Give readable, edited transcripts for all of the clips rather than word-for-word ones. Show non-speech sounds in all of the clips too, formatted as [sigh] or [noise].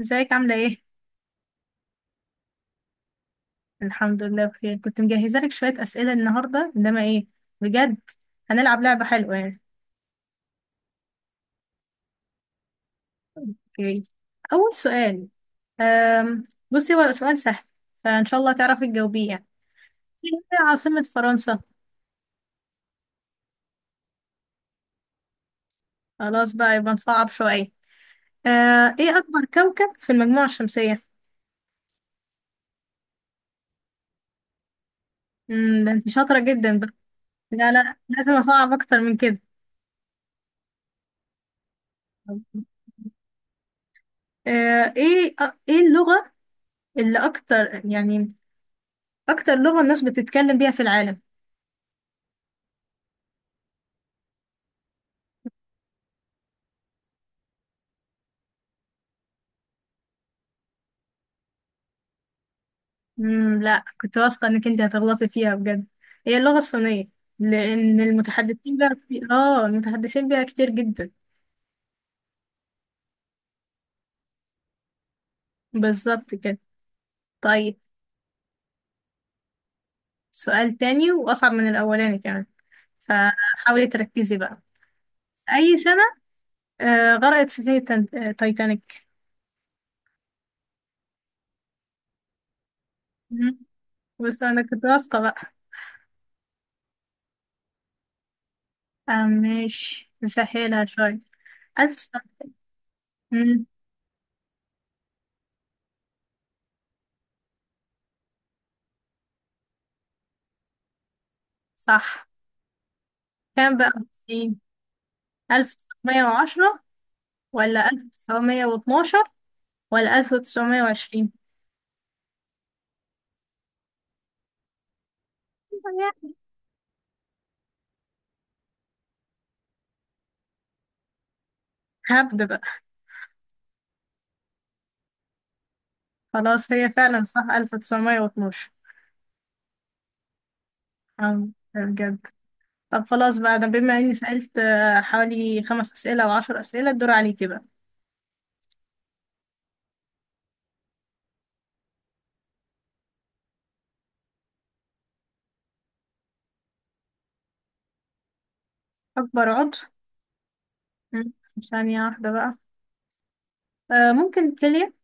ازيك عاملة ايه؟ الحمد لله بخير. كنت مجهزة لك شوية أسئلة النهاردة، انما ايه بجد، هنلعب لعبة حلوة يعني. اوكي، أول سؤال. أم... بصي، هو سؤال سهل فإن شاء الله تعرفي تجاوبيه يعني. ايه هي عاصمة فرنسا؟ خلاص بقى، يبقى نصعب شوية. ايه أكبر كوكب في المجموعة الشمسية؟ ده انت شاطرة جدا بقى. لا لا، لازم أصعب أكتر من كده. ايه اللغة اللي اكتر يعني، اكتر لغة الناس بتتكلم بيها في العالم؟ امم، لا، كنت واثقة انك انت هتغلطي فيها بجد. هي اللغة الصينية، لان المتحدثين بيها كتير، المتحدثين بيها كتير جدا. بالظبط كده. طيب، سؤال تاني واصعب من الاولاني كمان، فحاولي تركزي بقى. اي سنة غرقت سفينة تايتانيك؟ مم. بس انا كنت واثقة بقى. آه ماشي، نسهلها شوية. ألف سنة؟ مم. صح. كام بقى، 90؟ ألف تسعمية وعشرة، ولا ألف تسعمية واتناشر، ولا 1920؟ هبدأ بقى. خلاص، هي فعلا صح 1912. الحمد لله بجد. طب خلاص بقى، ده بما اني سألت حوالي خمس أسئلة او عشر أسئلة، الدور عليكي بقى. أكبر عضو؟ مم، ثانية واحدة بقى. ممكن الكلية.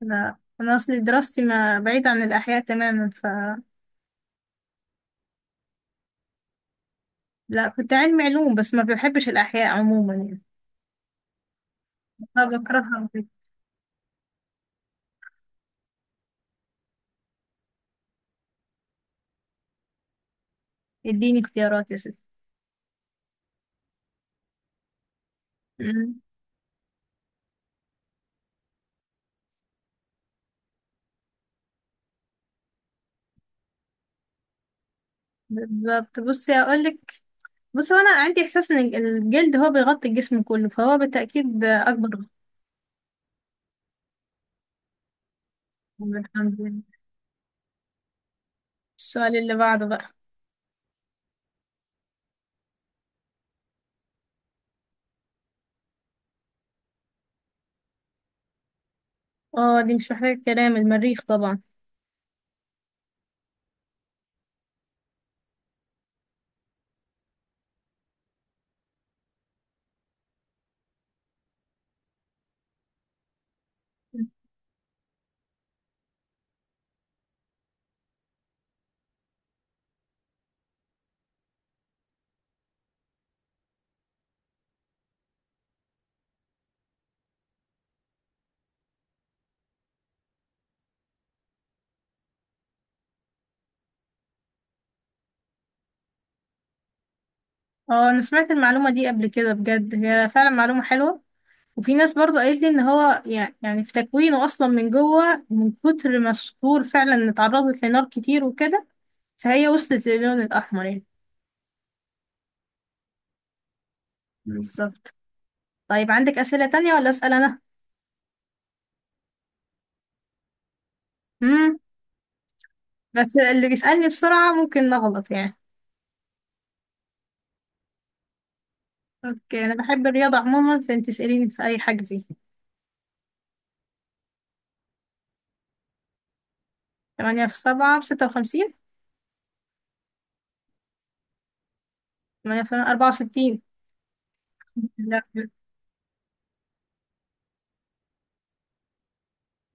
لا، أنا أصلي دراستي ما بعيد عن الأحياء تماما ف... لا، كنت علمي علوم، بس ما بحبش الأحياء عموما يعني. فبكرهها وكده. اديني اختيارات يا ستي. مم، بالظبط، بصي أقولك. بص، هو انا عندي احساس ان الجلد هو بيغطي الجسم كله، فهو بالتاكيد اكبر غضة. الحمد لله. السؤال اللي بعده بقى. اه، دي مش محتاجه كلام، المريخ طبعا. اه، انا سمعت المعلومه دي قبل كده بجد، هي فعلا معلومه حلوه. وفي ناس برضو قالت لي ان هو يعني في تكوينه اصلا من جوه، من كتر ما الصخور فعلا اتعرضت لنار كتير وكده، فهي وصلت للون الاحمر يعني. مم. بالظبط. طيب، عندك اسئله تانية ولا اسال انا؟ امم، بس اللي بيسالني بسرعه ممكن نغلط يعني. اوكي، انا بحب الرياضة عموما، فانت اسأليني في اي حاجة فيها. 8 في 7 ب 56. 8 في 8 64. لا،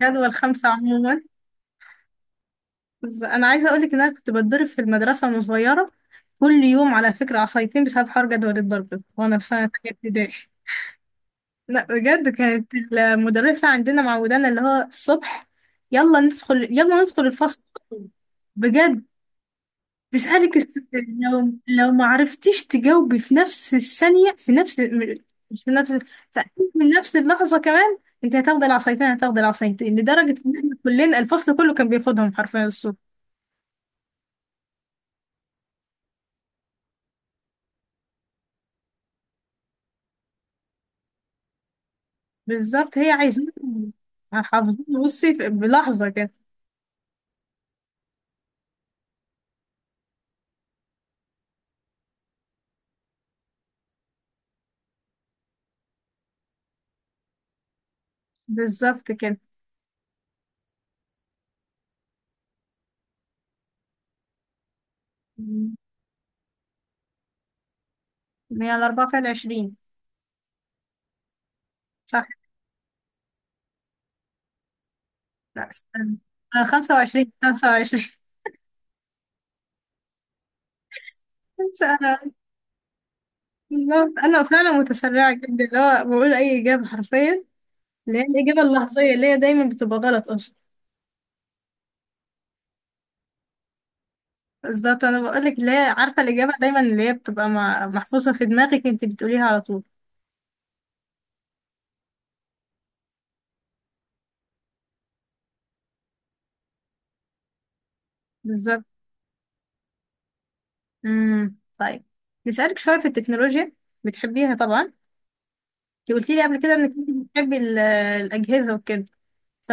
جدول خمسة عموما. بس انا عايزة اقولك ان انا كنت بتضرب في المدرسة وانا صغيرة كل يوم، على فكرة، عصايتين بسبب حوار جدول الضرب ده، وانا في سنة تانية ابتدائي. لا بجد، كانت المدرسة عندنا معودانا اللي هو الصبح، يلا ندخل يلا ندخل الفصل. بجد. تسألك السؤال، لو ما عرفتيش تجاوبي في نفس الثانية، في نفس مش في نفس، في أقل من نفس اللحظة كمان، انت هتاخدي العصايتين، هتاخدي العصايتين، لدرجة ان احنا كلنا الفصل كله كان بياخدهم حرفيا الصبح. بالظبط، هي عايزين حافظين. بصي بلحظة كده. بالظبط كده. مم. هي الأربعة فيها العشرين صح؟ لا استنى، أنا خمسة وعشرين، خمسة وعشرين. [laughs] أنا بالظبط، أنا فعلا متسرعة جدا، اللي هو بقول أي إجابة حرفيا، اللي هي الإجابة اللحظية اللي هي دايما بتبقى غلط أصلا. بالظبط. أنا بقولك، اللي هي عارفة الإجابة دايما اللي هي بتبقى محفوظة في دماغك، انت بتقوليها على طول. بالظبط. امم، طيب، نسألك شوية في التكنولوجيا. بتحبيها طبعا، انت قلتي لي قبل كده إنك انت بتحبي الأجهزة وكده. ف...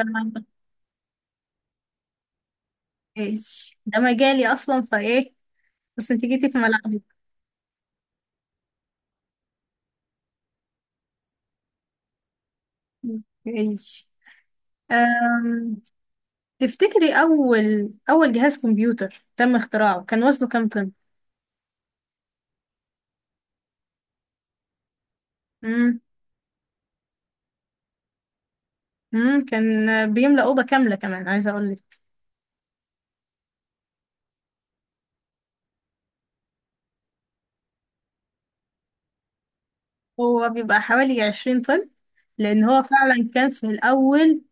إيش، ده مجالي أصلا، فإيه، بس انت جيتي في ملعبي. إيش. أم... تفتكري أول أول جهاز كمبيوتر تم اختراعه كان وزنه كام طن؟ امم، كان بيملأ أوضة كاملة كمان عايزة أقول لك. هو بيبقى حوالي عشرين طن، لأن هو فعلا كان في الأول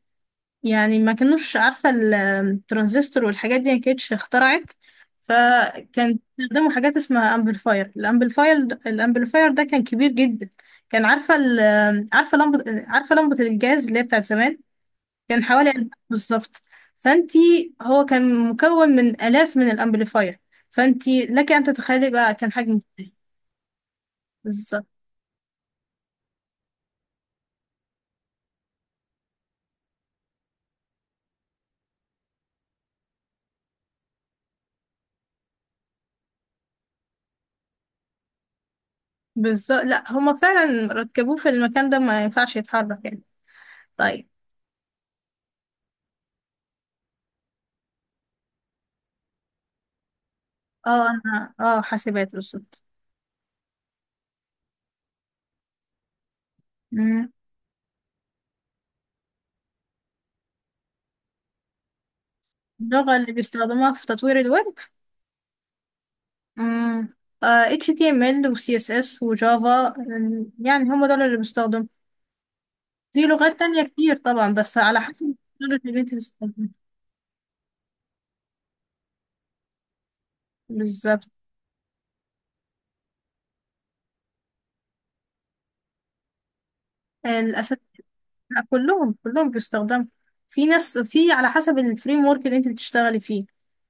يعني ما كانوش عارفة الترانزستور والحاجات دي، ما كانتش اخترعت، فكان بيستخدموا حاجات اسمها أمبليفاير. الأمبليفاير ده كان كبير جدا. كان عارفة عارفة لمبة، عارفة لمبة الجاز اللي هي بتاعت زمان، كان حوالي ألف بالظبط. فأنتي، هو كان مكون من آلاف من الأمبليفاير، فأنتي لك أن تتخيلي بقى كان حجمه. بالظبط. بالظبط، لا، هما فعلا ركبوه في المكان ده، ما ينفعش يتحرك يعني. طيب. اه انا، اه، حاسبات بالظبط. أمم، اللغة اللي بيستخدموها في تطوير الويب. أمم، HTML و CSS و Java. أمم، يعني هما دول اللي بيستخدموا. في لغات تانية كتير طبعا، بس على حسب التكنولوجي اللي انت بتستخدمها. بالظبط، الأساس. لا، كلهم كلهم بيستخدموا. في ناس، في على حسب الفريم ورك اللي انت بتشتغلي فيه،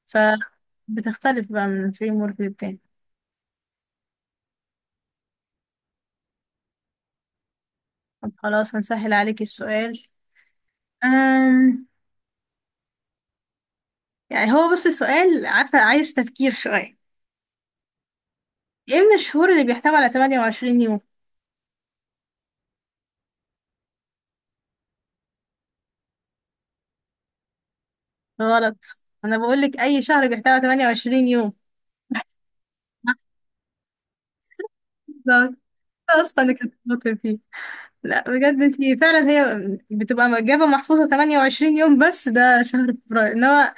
فبتختلف بقى من الفريم ورك للتاني. طب خلاص، هنسهل عليك السؤال. أم... يعني هو، بص، السؤال عارفة عايز تفكير شوية. ايه من الشهور اللي بيحتوي على 28 يوم؟ غلط، انا بقول لك اي شهر بيحتوي على 28 يوم. [laughs] لحظة، اصلا انا كنت بطل فيه. لا بجد، انتي فعلا هي بتبقى إجابة محفوظة 28 يوم، بس ده شهر فبراير، انما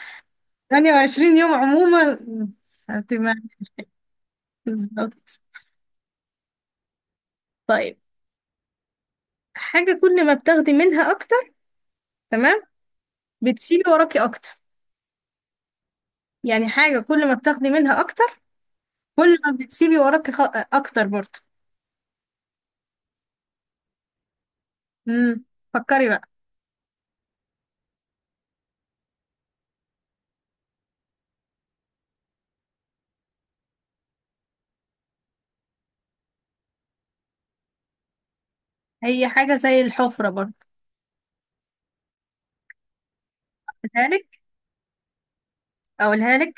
28 يوم عموما هتبقى. بالظبط. طيب، حاجة كل ما بتاخدي منها أكتر، تمام، بتسيبي وراكي أكتر. يعني حاجة كل ما بتاخدي منها أكتر، كل ما بتسيبي وراكي أكتر برضه. امم، فكري بقى. هي حاجة زي الحفرة برضه. أقولها لك، أقولها لك.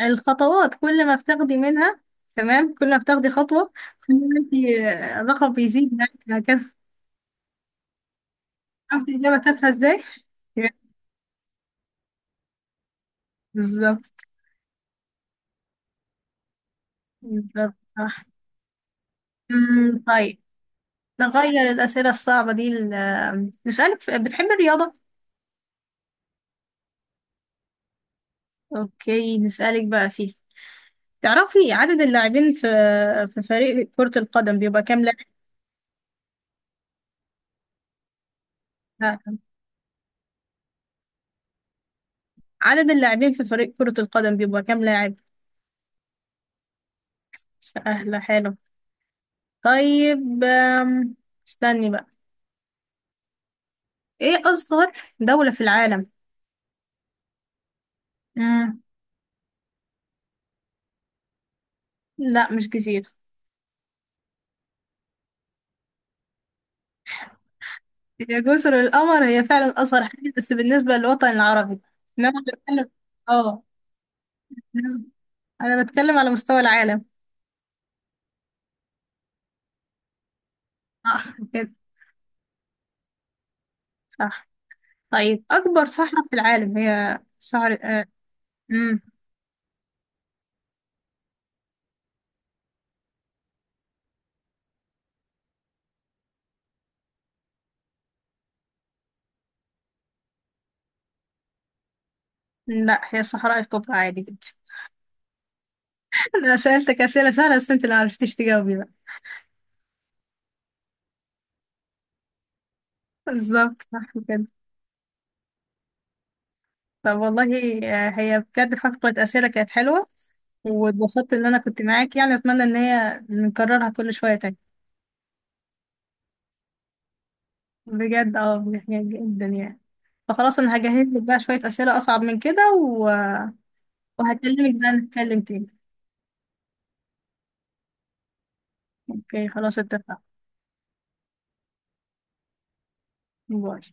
الخطوات، كل ما بتاخدي منها، تمام، كل ما بتاخدي خطوة، كل ما انتي، الرقم بيزيد معاكي هكذا. عرفتي الإجابة تافهة ازاي؟ [laughs] بالظبط. بالظبط صح. امم، طيب، نغير الأسئلة الصعبة دي نسألك في... بتحبي الرياضة؟ أوكي، نسألك بقى فيها. تعرفي عدد اللاعبين في، في فريق كرة القدم بيبقى كام لاعب؟ عدد اللاعبين في فريق كرة القدم بيبقى كام لاعب؟ سهلة، حلو. طيب، استني بقى. ايه أصغر دولة في العالم؟ مم. لا، مش كتير. هي جزر القمر هي فعلا أصغر حاجة بس بالنسبة للوطن العربي. إنما بتكلم. اه، إنما أنا بتكلم على مستوى العالم. صح كده. صح. طيب، أكبر صحراء في العالم هي صحراء؟ آه. لا، هي الصحراء الكبرى عادي جدا. [laughs] انا سألتك أسئلة سهلة، بس انت اللي معرفتيش تجاوبي بقى. بالظبط صح كده. طب والله، هي بجد فقرة أسئلة كانت حلوة، واتبسطت ان انا كنت معاك يعني، اتمنى ان هي نكررها كل شوية تاني. بجد، اه، يعني جدا يعني. فخلاص، انا هجهز لك بقى شوية أسئلة اصعب من كده و... وهكلمك بقى نتكلم تاني. اوكي خلاص، اتفقنا. باي.